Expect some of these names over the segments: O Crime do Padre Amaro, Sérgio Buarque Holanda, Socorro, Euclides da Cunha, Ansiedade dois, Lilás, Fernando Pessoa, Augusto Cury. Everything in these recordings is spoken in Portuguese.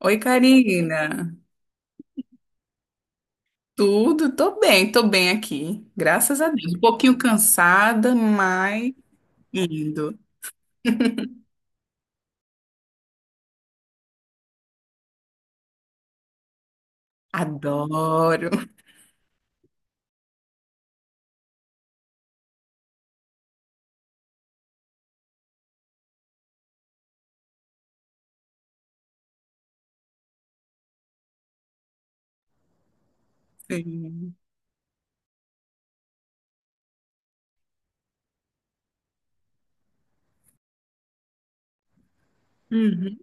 Oi, Karina. Tudo? Tô bem, aqui, graças a Deus. Um pouquinho cansada, mas indo. Adoro. Sim. Uhum.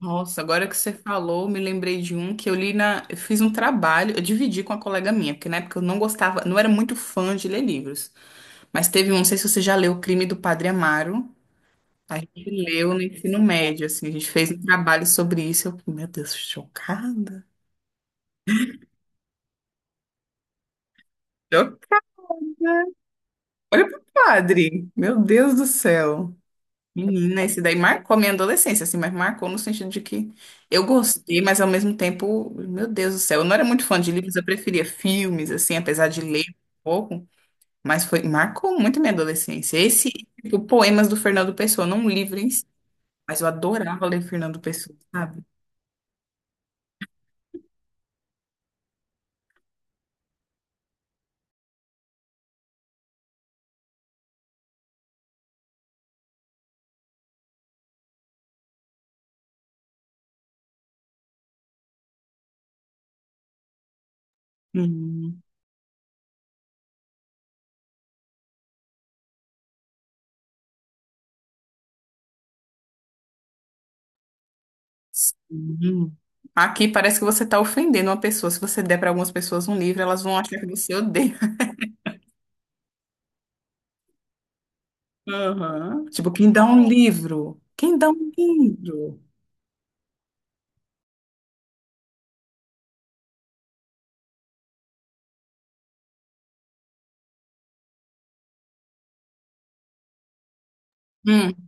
Nossa, agora que você falou, me lembrei de um que eu li na. Eu fiz um trabalho, eu dividi com uma colega minha, porque na época eu não gostava, não era muito fã de ler livros. Mas teve um, não sei se você já leu O Crime do Padre Amaro. A gente leu no ensino médio, assim, a gente fez um trabalho sobre isso. Eu fiquei, meu Deus, chocada. Olha pro padre. Meu Deus do céu. Menina, esse daí marcou minha adolescência, assim, mas marcou no sentido de que eu gostei, mas ao mesmo tempo, meu Deus do céu, eu não era muito fã de livros, eu preferia filmes, assim, apesar de ler um pouco, mas foi, marcou muito minha adolescência. Esse, tipo, poemas do Fernando Pessoa, não um livro em si, mas eu adorava ler Fernando Pessoa, sabe? Hum, sim. Aqui parece que você está ofendendo uma pessoa. Se você der para algumas pessoas um livro, elas vão achar que você odeia. Aham. Tipo, quem dá um livro? Quem dá um livro?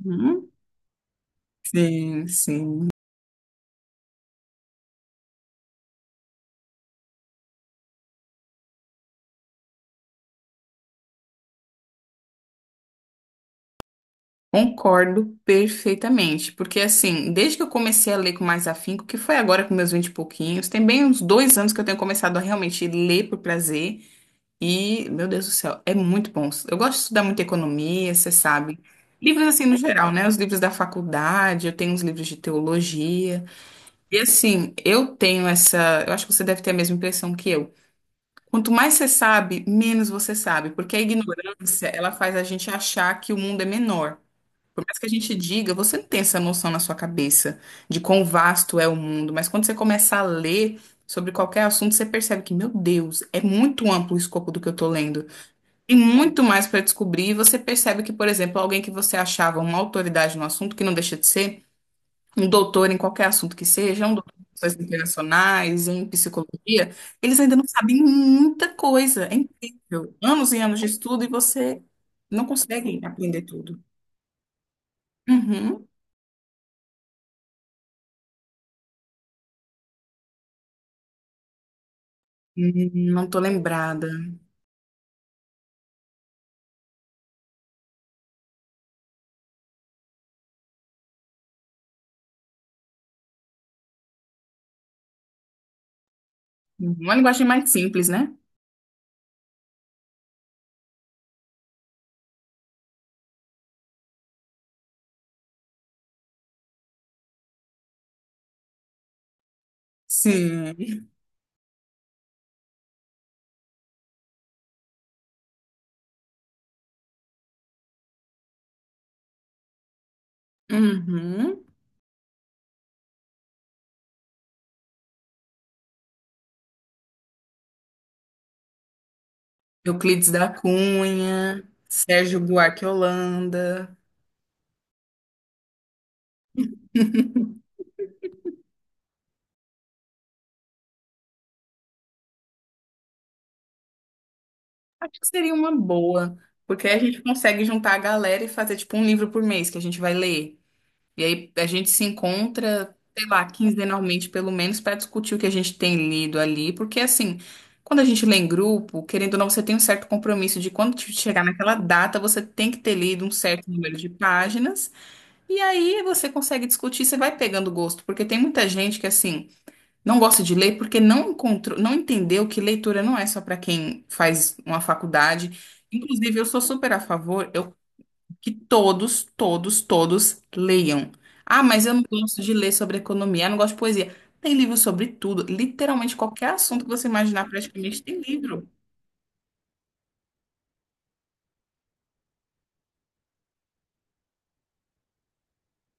Uhum. Sim, sim. Concordo perfeitamente, porque assim, desde que eu comecei a ler com mais afinco, que foi agora com meus vinte e pouquinhos, tem bem uns 2 anos que eu tenho começado a realmente ler por prazer, e, meu Deus do céu, é muito bom. Eu gosto de estudar muito economia, você sabe. Livros assim no geral, né? Os livros da faculdade, eu tenho uns livros de teologia. E assim, eu tenho essa. Eu acho que você deve ter a mesma impressão que eu. Quanto mais você sabe, menos você sabe, porque a ignorância, ela faz a gente achar que o mundo é menor. Por mais que a gente diga, você não tem essa noção na sua cabeça de quão vasto é o mundo, mas quando você começa a ler sobre qualquer assunto, você percebe que, meu Deus, é muito amplo o escopo do que eu tô lendo. Tem muito mais para descobrir, e você percebe que, por exemplo, alguém que você achava uma autoridade no assunto, que não deixa de ser, um doutor em qualquer assunto que seja, um doutor em relações internacionais, em psicologia, eles ainda não sabem muita coisa. É incrível. Anos e anos de estudo e você não consegue aprender tudo. Uhum. Não tô lembrada. Uhum. Uma linguagem mais simples, né? Sim. Uhum. Euclides da Cunha, Sérgio Buarque Holanda. Acho que seria uma boa, porque aí a gente consegue juntar a galera e fazer tipo um livro por mês que a gente vai ler. E aí a gente se encontra, sei lá, quinzenalmente pelo menos, para discutir o que a gente tem lido ali, porque assim, quando a gente lê em grupo, querendo ou não, você tem um certo compromisso de quando chegar naquela data, você tem que ter lido um certo número de páginas, e aí você consegue discutir, você vai pegando gosto, porque tem muita gente que assim, não gosta de ler porque não encontrou, não entendeu que leitura não é só para quem faz uma faculdade. Inclusive, eu sou super a favor que todos, todos, todos leiam. Ah, mas eu não gosto de ler sobre economia, eu não gosto de poesia. Tem livro sobre tudo, literalmente qualquer assunto que você imaginar, praticamente tem livro.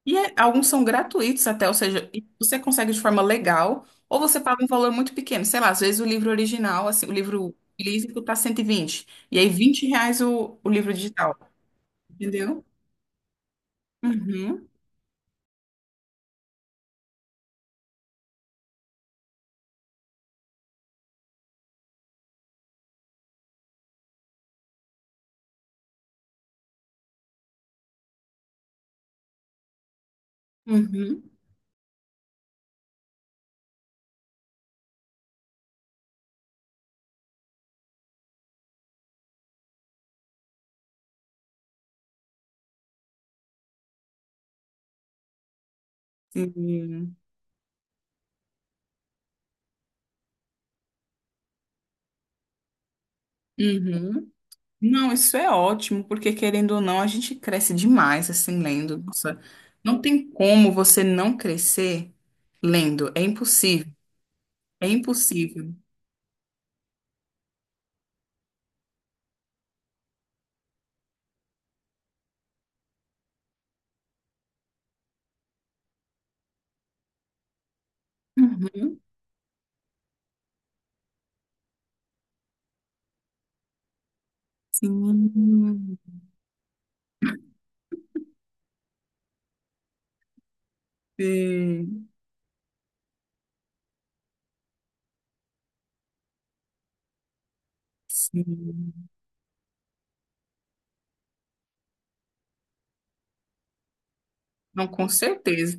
Alguns são gratuitos até, ou seja, e você consegue de forma legal, ou você paga um valor muito pequeno. Sei lá, às vezes o livro original, assim, o livro físico tá 120 e aí 20 reais o livro digital, entendeu? Uhum, uhum, sim, uhum. Não, isso é ótimo, porque querendo ou não, a gente cresce demais assim lendo. Nossa, não tem como você não crescer lendo. É impossível. É impossível. Uhum. Sim, sim. Não, com certeza.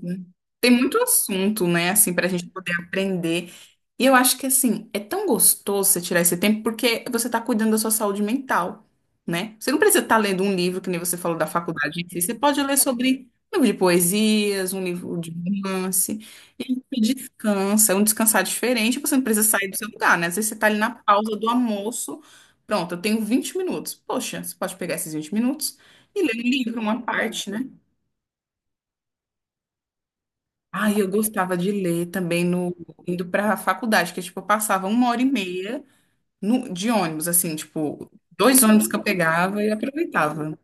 Tem muito assunto, né, assim, para a gente poder aprender. E eu acho que, assim, é tão gostoso você tirar esse tempo porque você está cuidando da sua saúde mental, né? Você não precisa estar lendo um livro, que nem você falou, da faculdade em si. Você pode ler sobre um livro de poesias, um livro de romance. E você descansa, é um descansar diferente. Você não precisa sair do seu lugar, né? Às vezes você está ali na pausa do almoço. Pronto, eu tenho 20 minutos. Poxa, você pode pegar esses 20 minutos e ler um livro, uma parte, né? Ah, eu gostava de ler também no indo para a faculdade, que tipo, eu passava uma hora e meia no, de ônibus, assim, tipo, dois ônibus que eu pegava e aproveitava.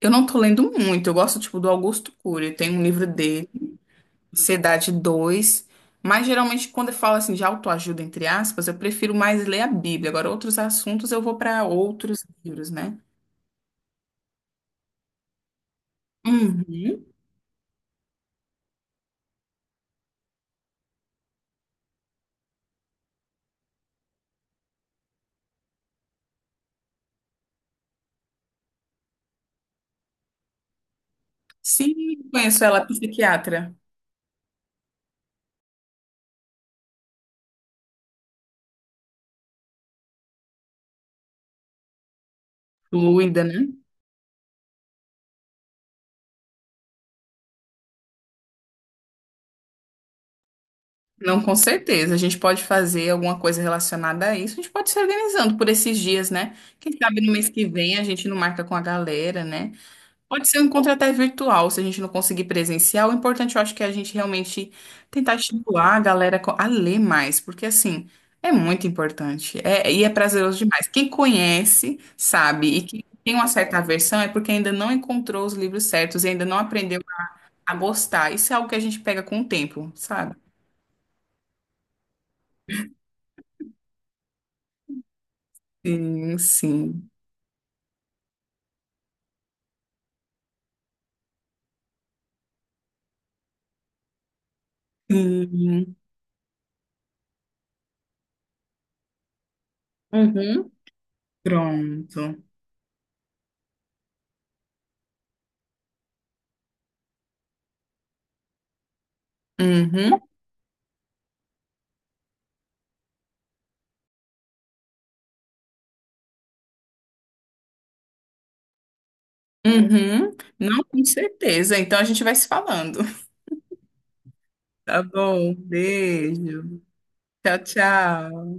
Eu não tô lendo muito, eu gosto, tipo, do Augusto Cury, tem um livro dele, Ansiedade 2. Mas geralmente quando eu falo, assim, de autoajuda, entre aspas, eu prefiro mais ler a Bíblia. Agora, outros assuntos eu vou para outros livros, né? Uhum. Sim, conheço ela, é psiquiatra. Fluida, né? Não, com certeza. A gente pode fazer alguma coisa relacionada a isso. A gente pode se organizando por esses dias, né? Quem sabe no mês que vem a gente não marca com a galera, né? Pode ser um encontro até virtual, se a gente não conseguir presencial. O importante, eu acho que é a gente realmente tentar estimular a galera a ler mais, porque assim, é muito importante. É, e é prazeroso demais. Quem conhece, sabe, e quem tem uma certa aversão é porque ainda não encontrou os livros certos e ainda não aprendeu a gostar. Isso é algo que a gente pega com o tempo, sabe? Sim, sim. Sim. Uhum. Pronto. Uhum, uhum. Não, com certeza. Então a gente vai se falando. Tá bom, beijo. Tchau, tchau.